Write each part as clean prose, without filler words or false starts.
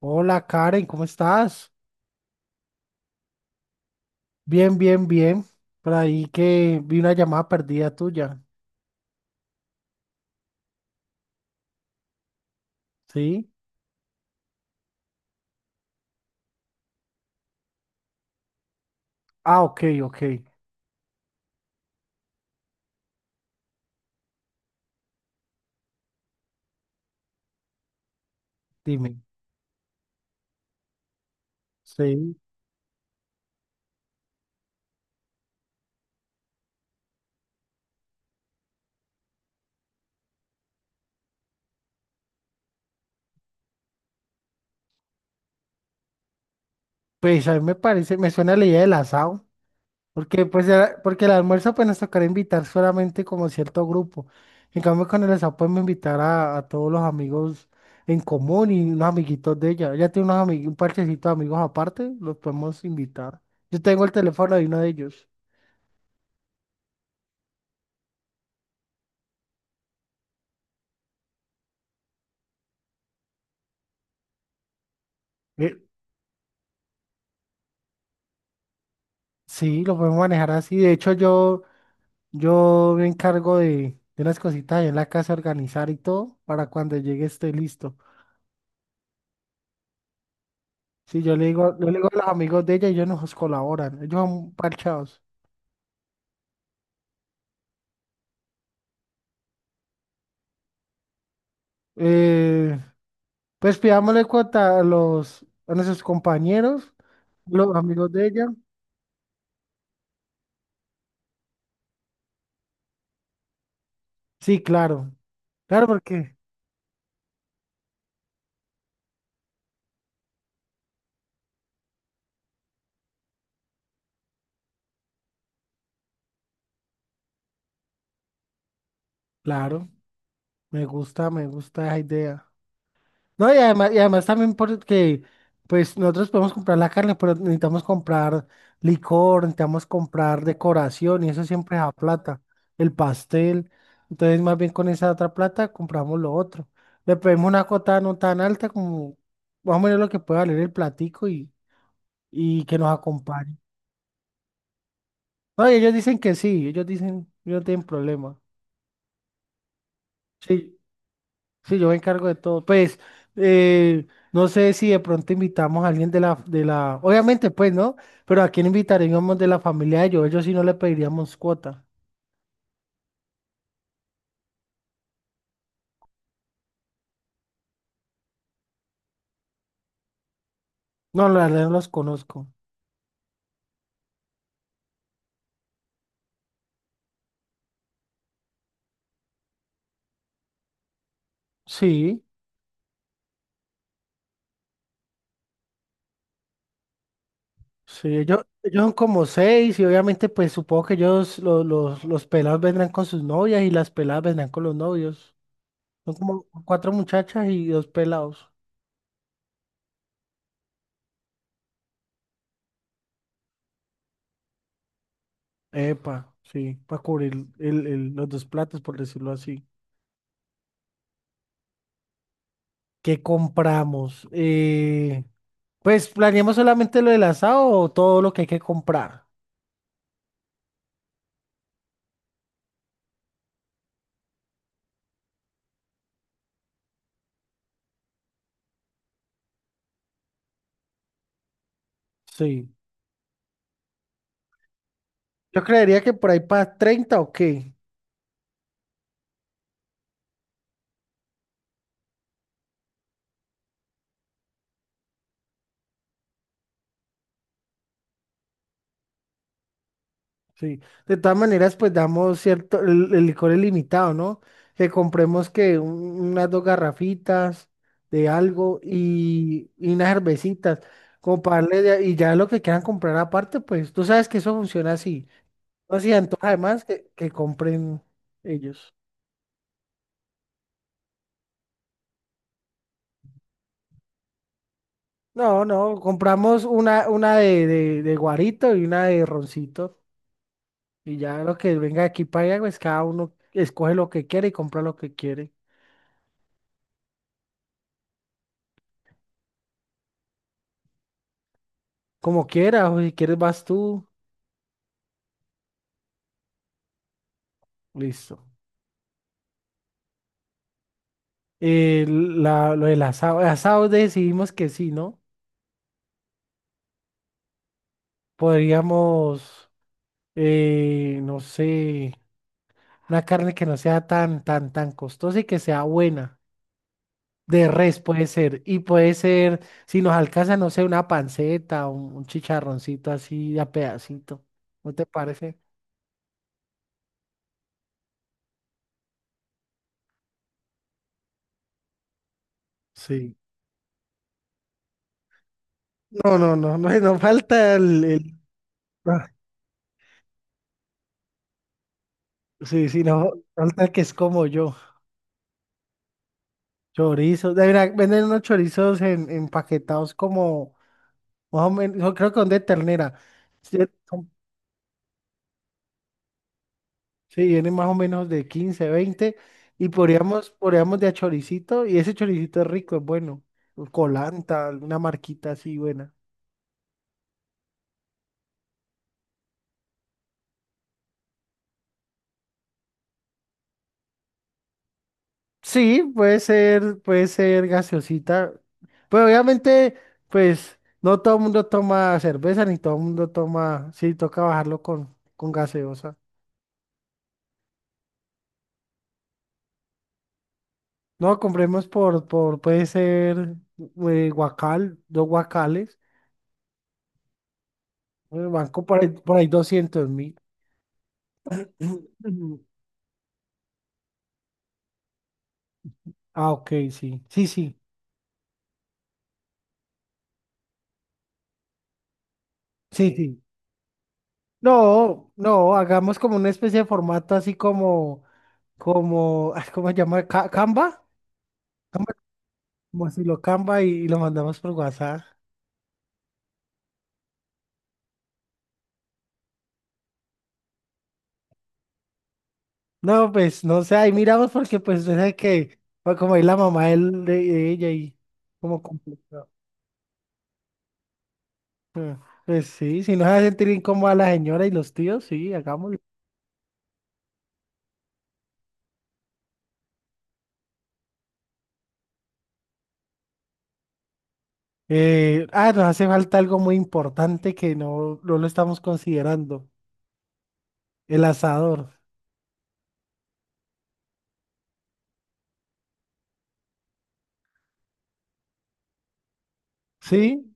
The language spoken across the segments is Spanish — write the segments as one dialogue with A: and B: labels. A: Hola Karen, ¿cómo estás? Bien, bien, bien. Por ahí que vi una llamada perdida tuya. ¿Sí? Ah, ok, ok. Dime. Sí. Pues a mí me parece, me suena la idea del asado. Porque pues era- porque el almuerzo pues nos tocará invitar solamente como cierto grupo. En cambio con el asado podemos invitar a todos los amigos en común y unos amiguitos de ella. Ella tiene unos amigos, un parchecito de amigos aparte, los podemos invitar. Yo tengo el teléfono de uno de ellos. Sí, lo podemos manejar así. De hecho, yo me encargo de unas cositas ahí en la casa, organizar y todo, para cuando llegue esté listo. Sí, yo le digo a los amigos de ella y ellos nos colaboran. Ellos son parchados. Eh, pues pidámosle cuota a los, a nuestros compañeros, los amigos de ella. Sí, claro. Claro, porque, claro, me gusta esa idea. No, y además también porque, pues nosotros podemos comprar la carne, pero necesitamos comprar licor, necesitamos comprar decoración y eso siempre es a plata, el pastel. Entonces, más bien con esa otra plata compramos lo otro. Le pedimos una cuota no tan alta como más o menos lo que pueda valer el platico y que nos acompañe. No, y ellos dicen que sí, ellos dicen, yo no tienen problema. Sí, sí, yo me encargo de todo. Pues, no sé si de pronto invitamos a alguien de la, obviamente, pues, ¿no? Pero a quién invitaríamos de la familia de ellos. Ellos sí no le pediríamos cuota. No, la verdad no los conozco. Sí, sí, ellos son como seis y obviamente, pues, supongo que ellos, los pelados vendrán con sus novias y las peladas vendrán con los novios. Son como cuatro muchachas y dos pelados. Epa, sí, para cubrir el, los dos platos, por decirlo así. ¿Qué compramos? Pues planeamos solamente lo del asado o todo lo que hay que comprar. Sí. Yo creería que por ahí para 30 o qué. Sí. De todas maneras, pues damos cierto, el licor es limitado, ¿no? Que unas dos garrafitas de algo y unas cervecitas. Y ya lo que quieran comprar aparte, pues tú sabes que eso funciona así. No se antoja además que compren ellos. No, no, compramos una de, de guarito y una de roncito. Y ya lo que venga de aquí para allá, pues cada uno escoge lo que quiere y compra lo que quiere. Como quiera, o si quieres vas tú, listo. La, lo del asado, el asado decidimos que sí, ¿no? Podríamos, no sé, una carne que no sea tan, tan, tan costosa y que sea buena. De res puede ser. Y puede ser, si nos alcanza, no sé, una panceta, un chicharroncito así a pedacito. ¿No te parece? Sí. No, no, no, no, no falta el, el. Ah, sí, sí, no, falta que es como yo, chorizos, de verdad, venden unos chorizos en, empaquetados como, más o menos, yo creo que son de ternera, sí, son- sí, vienen más o menos de 15, 20 y podríamos, podríamos de a choricito, y ese choricito es rico, es bueno, colanta, alguna marquita así buena. Sí, puede ser gaseosita, pero obviamente, pues, no todo el mundo toma cerveza, ni todo el mundo toma, sí, toca bajarlo con gaseosa. No, compremos por puede ser guacal, dos guacales. Banco por ahí 200.000. Ah, ok, sí, sí, sí, sí, sí. No, no, hagamos como una especie de formato así como, como, ay, ¿cómo se llama? ¿Canva? Canva, como si lo Canva y lo mandamos por WhatsApp. No, pues, no sé, ahí miramos porque pues, usted que, pues, como ahí la mamá de, de ella y como complicado. Eh, Pues sí, si nos hace sentir incómoda a la señora y los tíos, sí, hagámoslo. Ah, nos hace falta algo muy importante que no, no lo estamos considerando, el asador, ¿sí?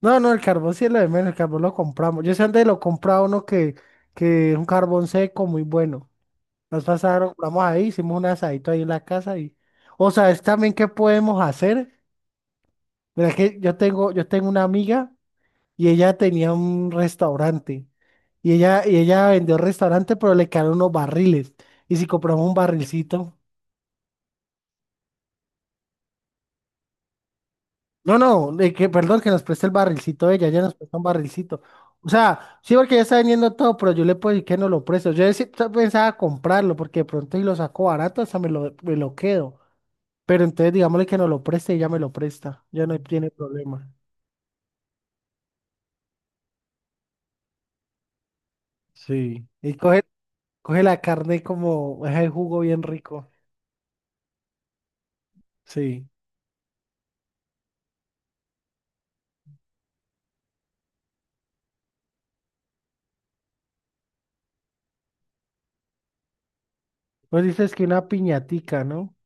A: No, no, el carbón sí es lo de menos, el carbón lo compramos. Yo sé dónde lo compraba uno que es un carbón seco muy bueno. Nos pasaron, compramos ahí, hicimos un asadito ahí en la casa y... O sea, es también qué podemos hacer. Mira que yo tengo una amiga, y ella tenía un restaurante. Y ella vendió el restaurante, pero le quedaron unos barriles. Y si compramos un barrilcito. No, no, de que, perdón, que nos preste el barrilcito ella, ella nos presta un barrilcito. O sea, sí, porque ella está vendiendo todo, pero yo le puedo decir que no lo presto. Yo sí pensaba comprarlo, porque de pronto si lo saco barato, hasta me lo quedo. Pero entonces digámosle que no lo preste y ella me lo presta. Ya no tiene problema. Sí. Y coge, coge la carne como es el jugo bien rico. Sí. Vos dices que una piñatica, ¿no?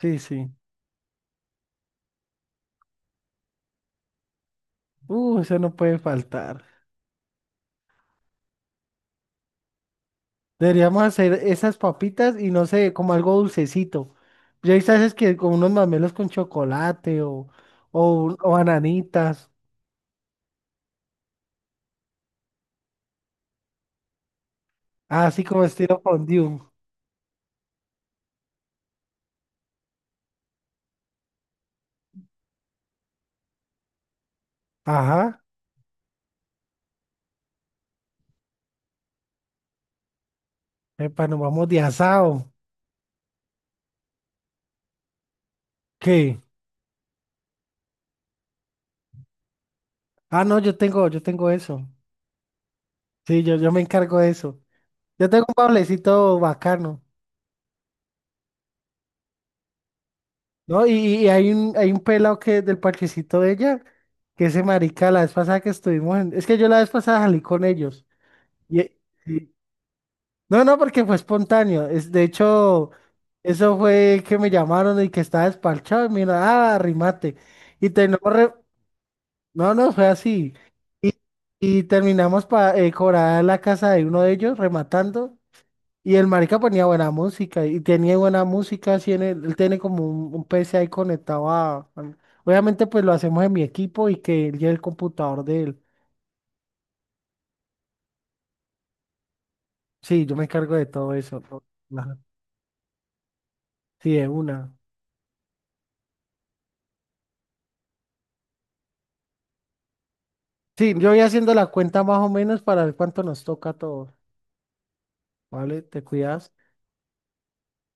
A: Sí, sí. Eso no puede faltar. Deberíamos hacer esas papitas y no sé, como algo dulcecito. Ya sabes que con unos mamelos con chocolate o, o bananitas. Así como estilo fondue. Ajá. Epa, nos vamos de asado. ¿Qué? Ah, no, yo tengo eso. Sí, yo me encargo de eso. Yo tengo un pablecito bacano. ¿No? Y hay un pelado que del parchecito de ella, que ese marica, la vez pasada que estuvimos en... Es que yo la vez pasada salí con ellos. Y, y- No, no, porque fue espontáneo. Es, de hecho, eso fue que me llamaron y que estaba despachado y mira, ah, arrimate. Y terminamos... re- No, no, fue así. Y, y terminamos para cobrar la casa de uno de ellos, rematando. Y el marica ponía buena música y tenía buena música, así en él tiene como un PC ahí conectado a... al-. Obviamente pues lo hacemos en mi equipo y que él lleve el computador de él. Sí, yo me encargo de todo eso. ¿No? Ajá. Sí, de una. Sí, yo voy haciendo la cuenta más o menos para ver cuánto nos toca a todos. ¿Vale? ¿Te cuidas?